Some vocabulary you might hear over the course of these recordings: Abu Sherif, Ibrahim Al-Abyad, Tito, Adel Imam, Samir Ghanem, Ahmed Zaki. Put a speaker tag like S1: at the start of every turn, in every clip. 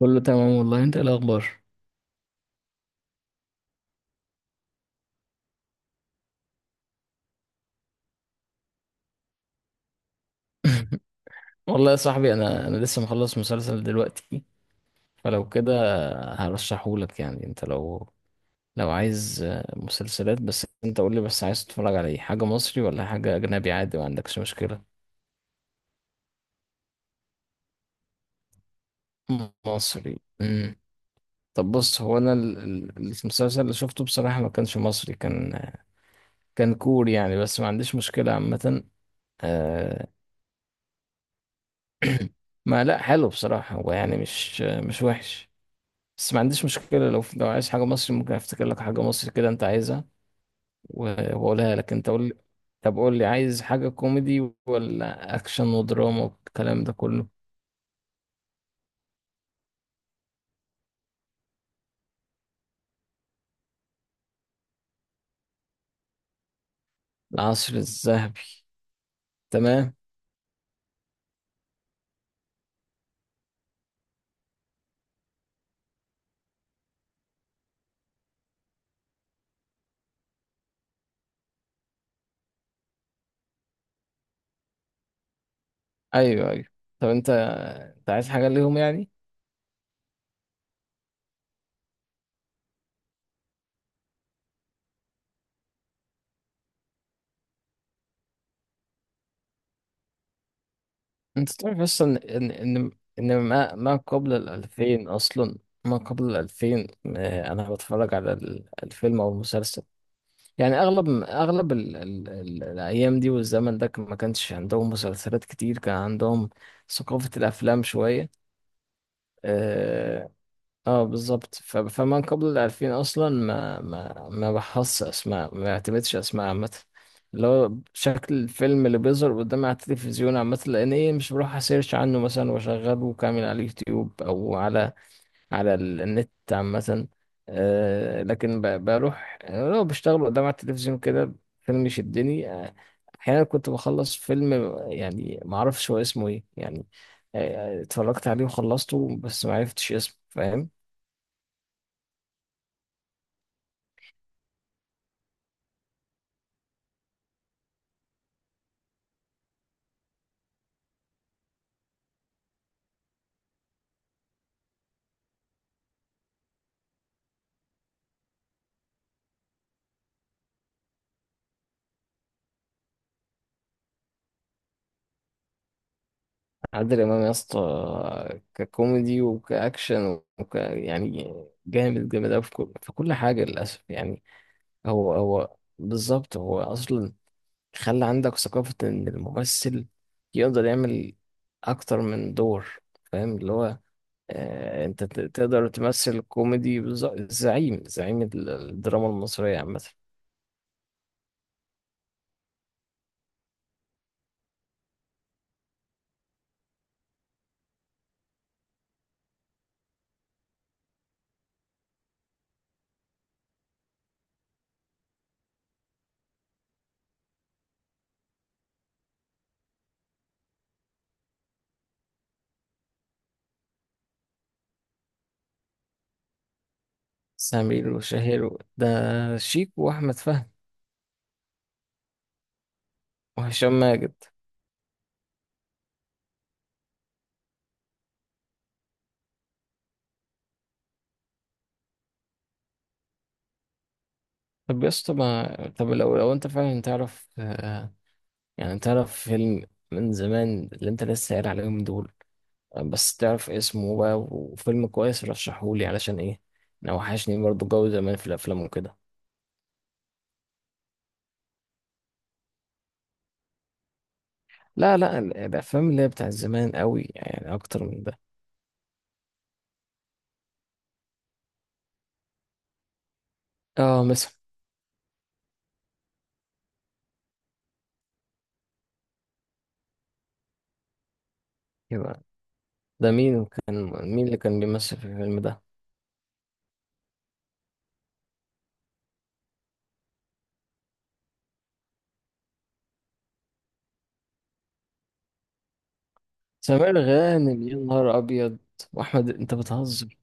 S1: كله تمام والله، انت ايه الاخبار؟ والله يا صاحبي، انا لسه مخلص مسلسل دلوقتي، فلو كده هرشحهولك. يعني انت لو لو عايز مسلسلات، بس انت قول لي، بس عايز تتفرج على ايه؟ حاجه مصري ولا حاجه اجنبي؟ عادي ما عندكش مشكله. مصري، طب بص، هو انا المسلسل اللي شفته بصراحه ما كانش مصري، كان كوري يعني، بس ما عنديش مشكله عامه. آه، ما لا، حلو بصراحه، هو يعني مش وحش، بس ما عنديش مشكلة. لو لو عايز حاجة مصري ممكن افتكر لك حاجة مصري كده انت عايزها، و- واقولها لك. انت قول لي، طب قول لي عايز حاجة كوميدي ولا اكشن ودراما والكلام ده كله؟ العصر الذهبي، تمام. ايوه ايوه. طب انت، انت عايز حاجة ليهم يعني؟ انت تعرف اصلا ان ان ما قبل الألفين اصلا، ما قبل الألفين، انا بتفرج على الفيلم او المسلسل، يعني اغلب ال ال ال الايام دي والزمن ده ما كانش عندهم مسلسلات كتير، كان عندهم ثقافة الافلام شوية. اه, آه بالظبط، فمن قبل الالفين اصلا ما بحص اسماء، ما بعتمدش اسماء عامة، اللي هو شكل الفيلم اللي بيظهر قدامي على التلفزيون عامة، لان ايه، مش بروح اسيرش عنه مثلا واشغله كامل على اليوتيوب او على على النت عامة. آه، لكن بروح، يعني لو بشتغل قدام على التلفزيون كده فيلم يشدني، أحيانا كنت بخلص فيلم يعني معرفش هو اسمه إيه يعني. اتفرجت عليه وخلصته بس معرفتش اسمه، فاهم؟ عادل إمام يا اسطى، ككوميدي وكأكشن وك يعني، جامد أوي في كل حاجة للأسف يعني. هو بالظبط، هو أصلا خلى عندك ثقافة إن الممثل يقدر يعمل أكتر من دور، فاهم اللي هو، آه أنت تقدر تمثل كوميدي زعيم، زعيم الدراما المصرية عامة. سمير وشهير، ده شيك وأحمد فهمي، وهشام ماجد. طب يا اسطى، ما طب لو أنت فعلا تعرف، آه يعني تعرف فيلم من زمان اللي أنت لسه قايل عليهم دول، بس تعرف اسمه بقى وفيلم كويس رشحهولي، علشان ايه، انا وحشني برضه جو زمان في الافلام وكده. لا لا، الافلام اللي هي بتاع زمان قوي يعني، اكتر من ده. اه مثلا. يبقى ده مين كان؟ مين اللي كان بيمثل في الفيلم ده؟ سمير غانم؟ يا نهار ابيض! واحمد، انت بتهزر!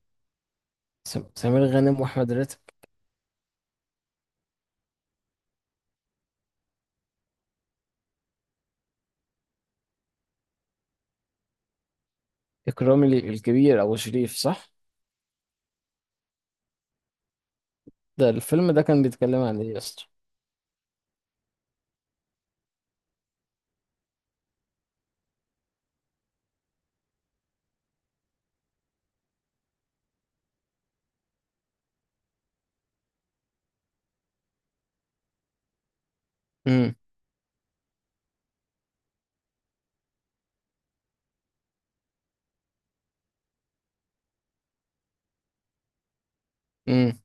S1: سمير غانم واحمد راتب؟ اكرامي الكبير، ابو شريف، صح؟ ده الفيلم ده كان بيتكلم عن ايه يا اسطى؟ امم امم.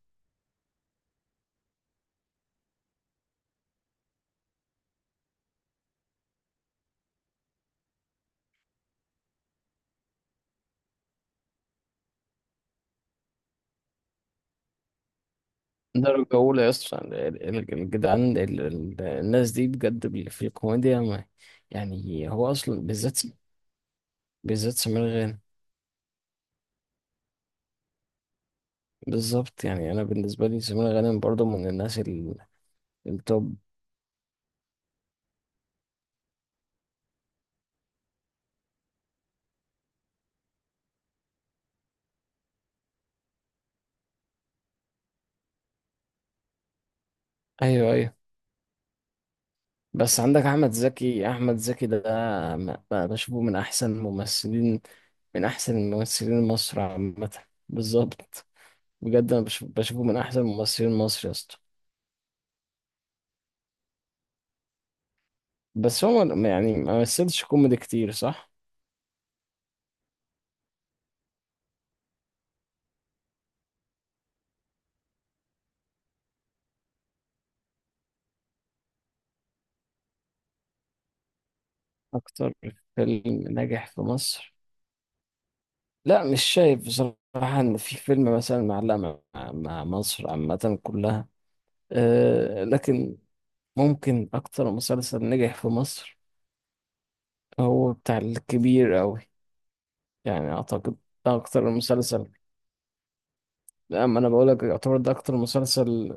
S1: درجة أولى يا اسطى، الجدعان الناس دي بجد، في الكوميديا ما، يعني هو أصلا بالذات، بالذات سمير غانم. بالظبط، يعني أنا بالنسبة لي سمير غانم برضه من الناس التوب. أيوه أيوه. بس عندك أحمد زكي، أحمد زكي ده بشوفه من أحسن الممثلين، من أحسن الممثلين مصر عامة. بالظبط. بجد أنا بشوفه من أحسن ممثلين مصر يا اسطى. بس هو ما، يعني ما مثلش كوميدي كتير، صح؟ أكتر فيلم ناجح في مصر؟ لا مش شايف بصراحة إن في فيلم مثلا معلق مع، مع مصر عامة كلها، أه لكن ممكن أكتر مسلسل نجح في مصر هو بتاع الكبير أوي، يعني أعتقد ده أكتر مسلسل. أما أنا بقولك يعتبر ده أكتر مسلسل.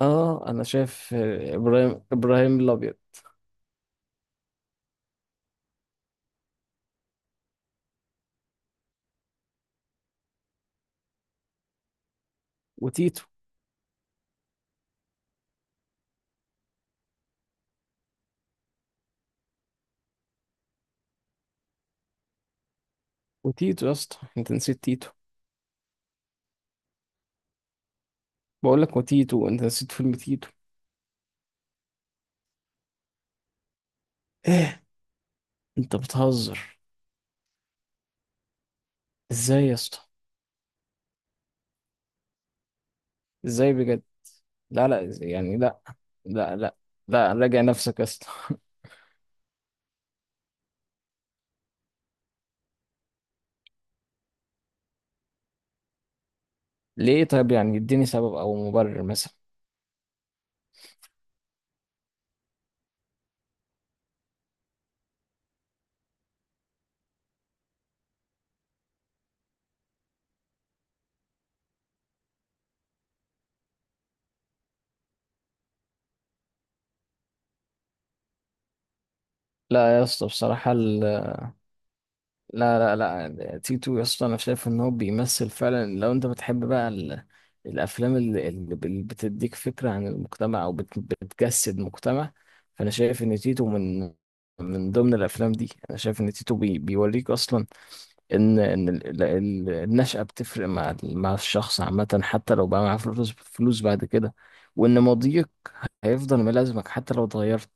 S1: آه أنا شايف، آه، إبراهيم إبراهيم الأبيض. وتيتو، وتيتو يا اسطى، أنت نسيت تيتو. بقولك وتيتو، أنت نسيت فيلم تيتو. إيه؟ أنت بتهزر؟ إزاي يا اسطى؟ ازاي بجد؟ لا لا، يعني لا، لا لا، لا، راجع نفسك يا اسطى. ليه طيب؟ يعني اديني سبب او مبرر مثلا. لا يا اسطى، بصراحة ال... لا لا، لا تيتو يا اسطى، انا شايف ان هو بيمثل فعلا. لو انت بتحب بقى ال... الافلام اللي، اللي بتديك فكرة عن المجتمع او بت... بتجسد مجتمع، فانا شايف ان تيتو من، من ضمن الافلام دي. انا شايف ان تيتو بي... بيوريك اصلا ان ان النشأة بتفرق مع مع الشخص عامة، حتى لو بقى معاه فلوس، فلوس بعد كده، وان ماضيك هيفضل ملازمك حتى لو اتغيرت.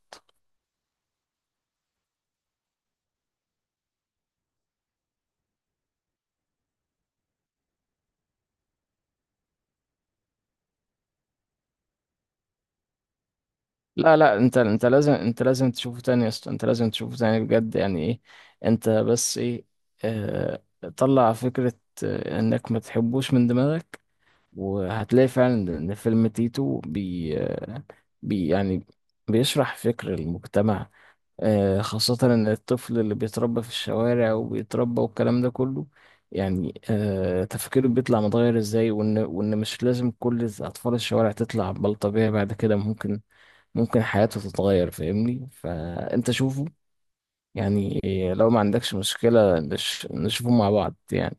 S1: لا لا، انت لازم، انت لازم تشوفه تاني يا اسطى، انت لازم تشوفه تاني بجد، يعني ايه؟ انت بس ايه، اه، طلع فكرة، آه، انك ما تحبوش من دماغك، وهتلاقي فعلا ان فيلم تيتو بي, آه، بي يعني بيشرح فكر المجتمع. آه، خاصة إن الطفل اللي بيتربى في الشوارع وبيتربى والكلام ده كله، يعني آه، تفكيره بيطلع متغير إزاي، وإن مش لازم كل أطفال الشوارع تطلع بلطجية بعد كده، ممكن، ممكن حياته تتغير، فاهمني؟ فأنت شوفه يعني، لو ما عندكش مشكلة نشوفه مع بعض يعني.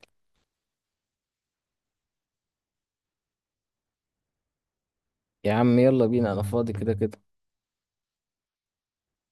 S1: يا عم يلا بينا، أنا فاضي كده كده.